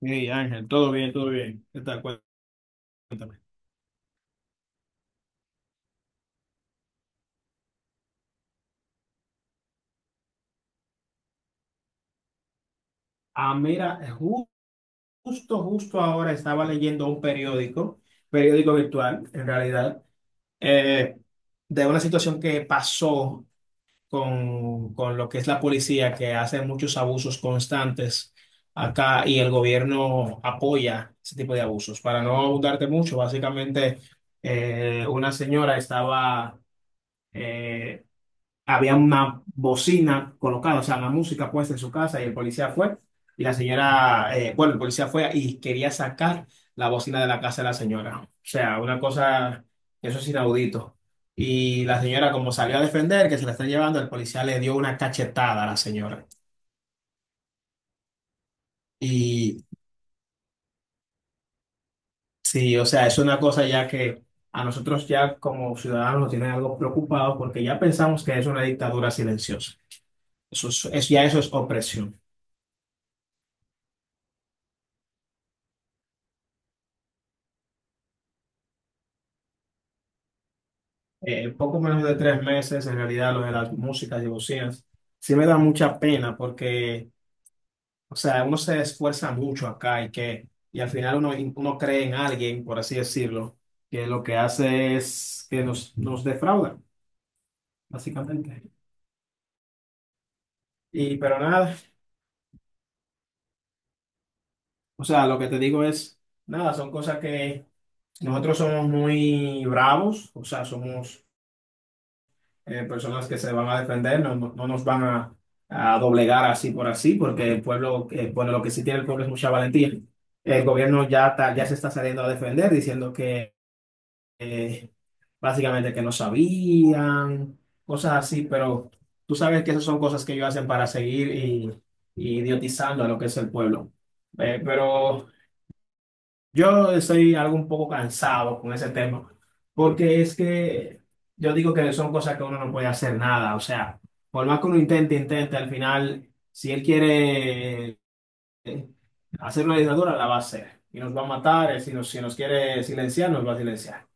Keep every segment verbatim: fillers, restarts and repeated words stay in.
Hey Ángel, todo bien, todo bien. ¿Qué tal? Cuéntame. Ah, mira, ju- justo, justo ahora estaba leyendo un periódico, periódico virtual, en realidad, eh, de una situación que pasó con, con lo que es la policía, que hace muchos abusos constantes acá y el gobierno apoya ese tipo de abusos. Para no abundarte mucho, básicamente, eh, una señora estaba... eh, había una bocina colocada, o sea, la música puesta en su casa y el policía fue y la señora, eh, bueno, el policía fue y quería sacar la bocina de la casa de la señora. O sea, una cosa, eso es inaudito. Y la señora, como salió a defender, que se la están llevando, el policía le dio una cachetada a la señora. Y sí, o sea, es una cosa ya que a nosotros ya como ciudadanos nos tiene algo preocupado porque ya pensamos que es una dictadura silenciosa. Eso es, es- ya eso es opresión. eh, poco menos de tres meses, en realidad, lo de las músicas y bocinas, sí me da mucha pena porque, o sea, uno se esfuerza mucho acá y que, y al final uno, uno cree en alguien, por así decirlo, que lo que hace es que nos, nos defrauda, básicamente. Y, pero nada, o sea, lo que te digo es, nada, son cosas que nosotros somos muy bravos, o sea, somos eh, personas que se van a defender, no, no- no nos van a, a doblegar así por así, porque el pueblo, eh, bueno, lo que sí tiene el pueblo es mucha valentía. El gobierno ya, está- ya se está saliendo a defender, diciendo que eh, básicamente que no sabían, cosas así, pero tú sabes que esas son cosas que ellos hacen para seguir y, y idiotizando a lo que es el pueblo. Eh, pero... Yo estoy algo un poco cansado con ese tema, porque es que yo digo que son cosas que uno no puede hacer nada, o sea, por más que uno intente, intente, al final, si él quiere eh, hacer una dictadura, la va a hacer, y nos va a matar, eh, si nos, si nos quiere silenciar, nos va a silenciar.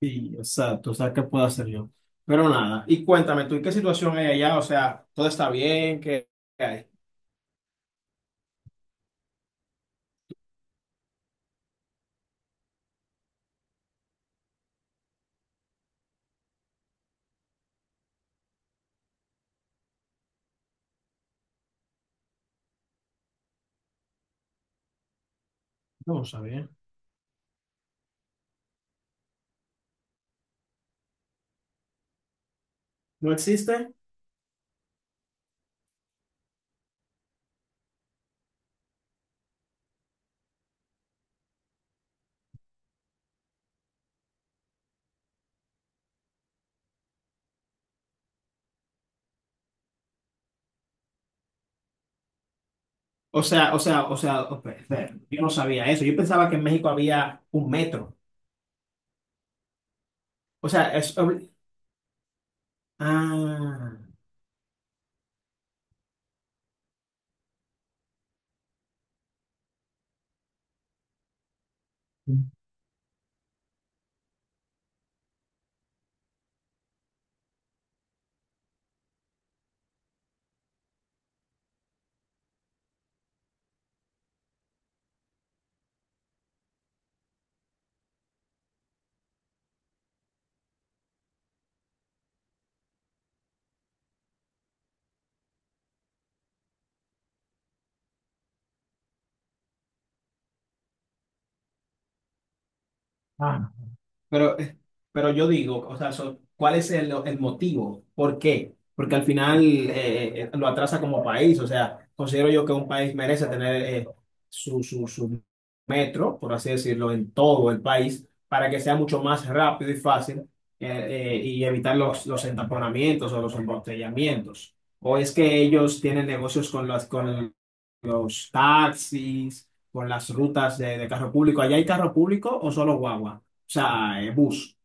Sí, exacto. O sea, ¿qué puedo hacer yo? Pero nada, y cuéntame tú, ¿y qué situación hay allá? O sea, ¿todo está bien? ¿Qué, qué hay? No, sabía. ¿No existe? O sea, o sea, o sea, o- espera, yo no sabía eso. Yo pensaba que en México había un metro. O sea, es obli- Ah, ah, pero, eh, pero yo digo, o sea, so- ¿cuál es el, el motivo? ¿Por qué? Porque al final eh, eh, lo atrasa como país, o sea, considero yo que un país merece tener eh, su, su, su metro, por así decirlo, en todo el país, para que sea mucho más rápido y fácil, eh, eh, y evitar los, los entaponamientos o los embotellamientos. ¿O es que ellos tienen negocios con las, con los taxis, con las rutas de, de carro público? ¿Allá hay carro público o solo guagua? O sea, eh, bus.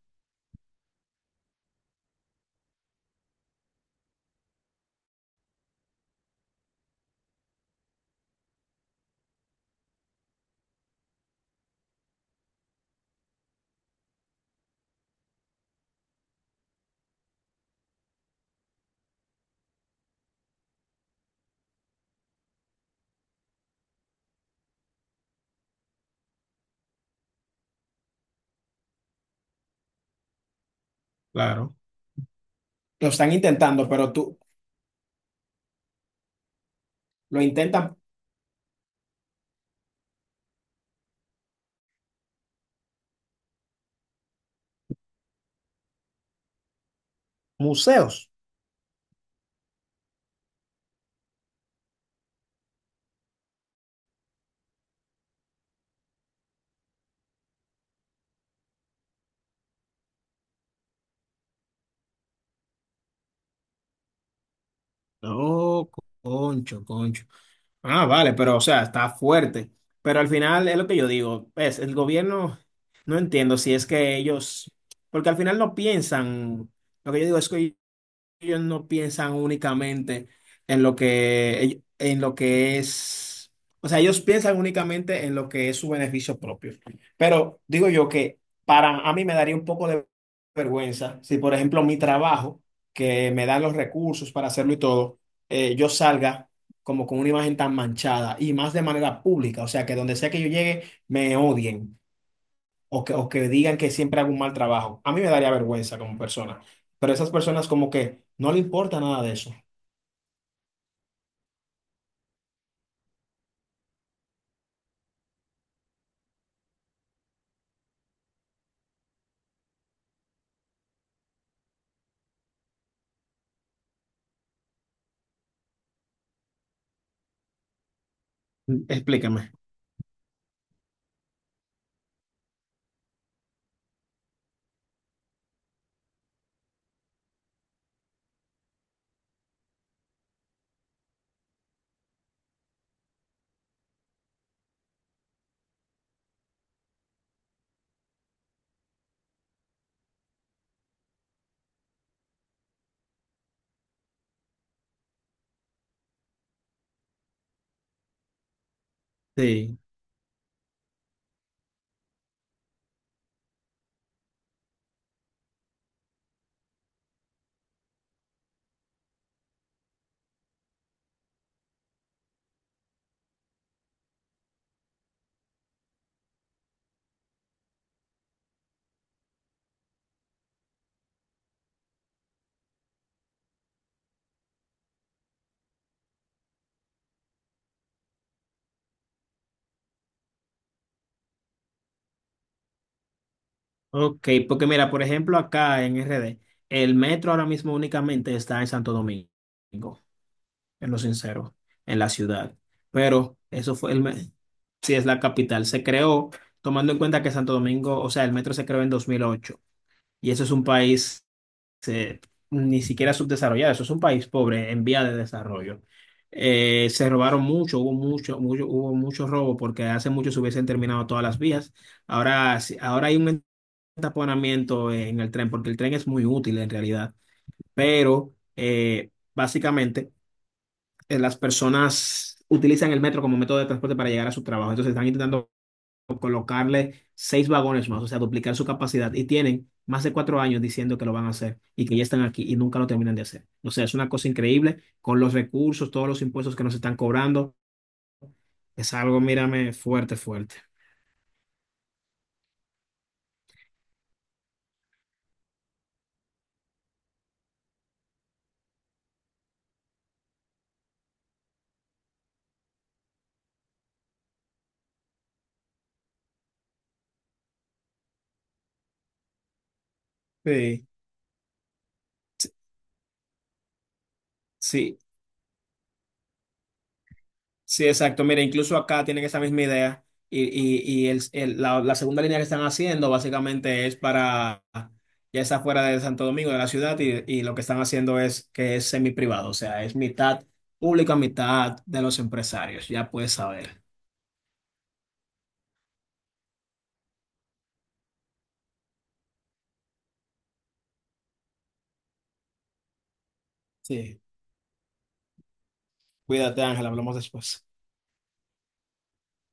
Claro. Lo están intentando, pero tú lo intentan museos. Oh, concho, concho. Ah, vale, pero o sea, está fuerte. Pero al final es lo que yo digo, es el gobierno, no entiendo si es que ellos, porque al final no piensan, lo que yo digo es que ellos no piensan únicamente en lo que, ell- en lo que es, o sea, ellos piensan únicamente en lo que es su beneficio propio. Pero digo yo que para a mí me daría un poco de vergüenza si, por ejemplo, mi trabajo, que me dan los recursos para hacerlo y todo, eh, yo salga como con una imagen tan manchada y más de manera pública, o sea, que donde sea que yo llegue, me odien o que, o que digan que siempre hago un mal trabajo. A mí me daría vergüenza como persona, pero esas personas como que no le importa nada de eso. Explícame. Sí. Ok, porque mira, por ejemplo, acá en R D, el metro ahora mismo únicamente está en Santo Domingo, en lo sincero, en la ciudad. Pero eso fue el, me- sí es la capital. Se creó tomando en cuenta que Santo Domingo, o sea, el metro se creó en dos mil ocho y eso es un país se- ni siquiera subdesarrollado. Eso es un país pobre en vía de desarrollo. Eh, se robaron mucho, hubo mucho, mucho, hubo mucho robo porque hace mucho se hubiesen terminado todas las vías. Ahora, sí- ahora hay un entaponamiento en el tren porque el tren es muy útil en realidad, pero eh, básicamente eh, las personas utilizan el metro como método de transporte para llegar a su trabajo. Entonces están intentando colocarle seis vagones más, o sea, duplicar su capacidad. Y tienen más de cuatro años diciendo que lo van a hacer y que ya están aquí y nunca lo terminan de hacer. O sea, es una cosa increíble con los recursos, todos los impuestos que nos están cobrando. Es algo, mírame, fuerte, fuerte. Sí. Sí, sí, exacto. Mira, incluso acá tienen esa misma idea y, y, y el, el- la, la segunda línea que están haciendo básicamente es para, ya está fuera de Santo Domingo, de la ciudad, y, y lo que están haciendo es que es semi-privado, o sea, es mitad pública, mitad de los empresarios, ya puedes saber. Sí, cuídate Ángel, hablamos después.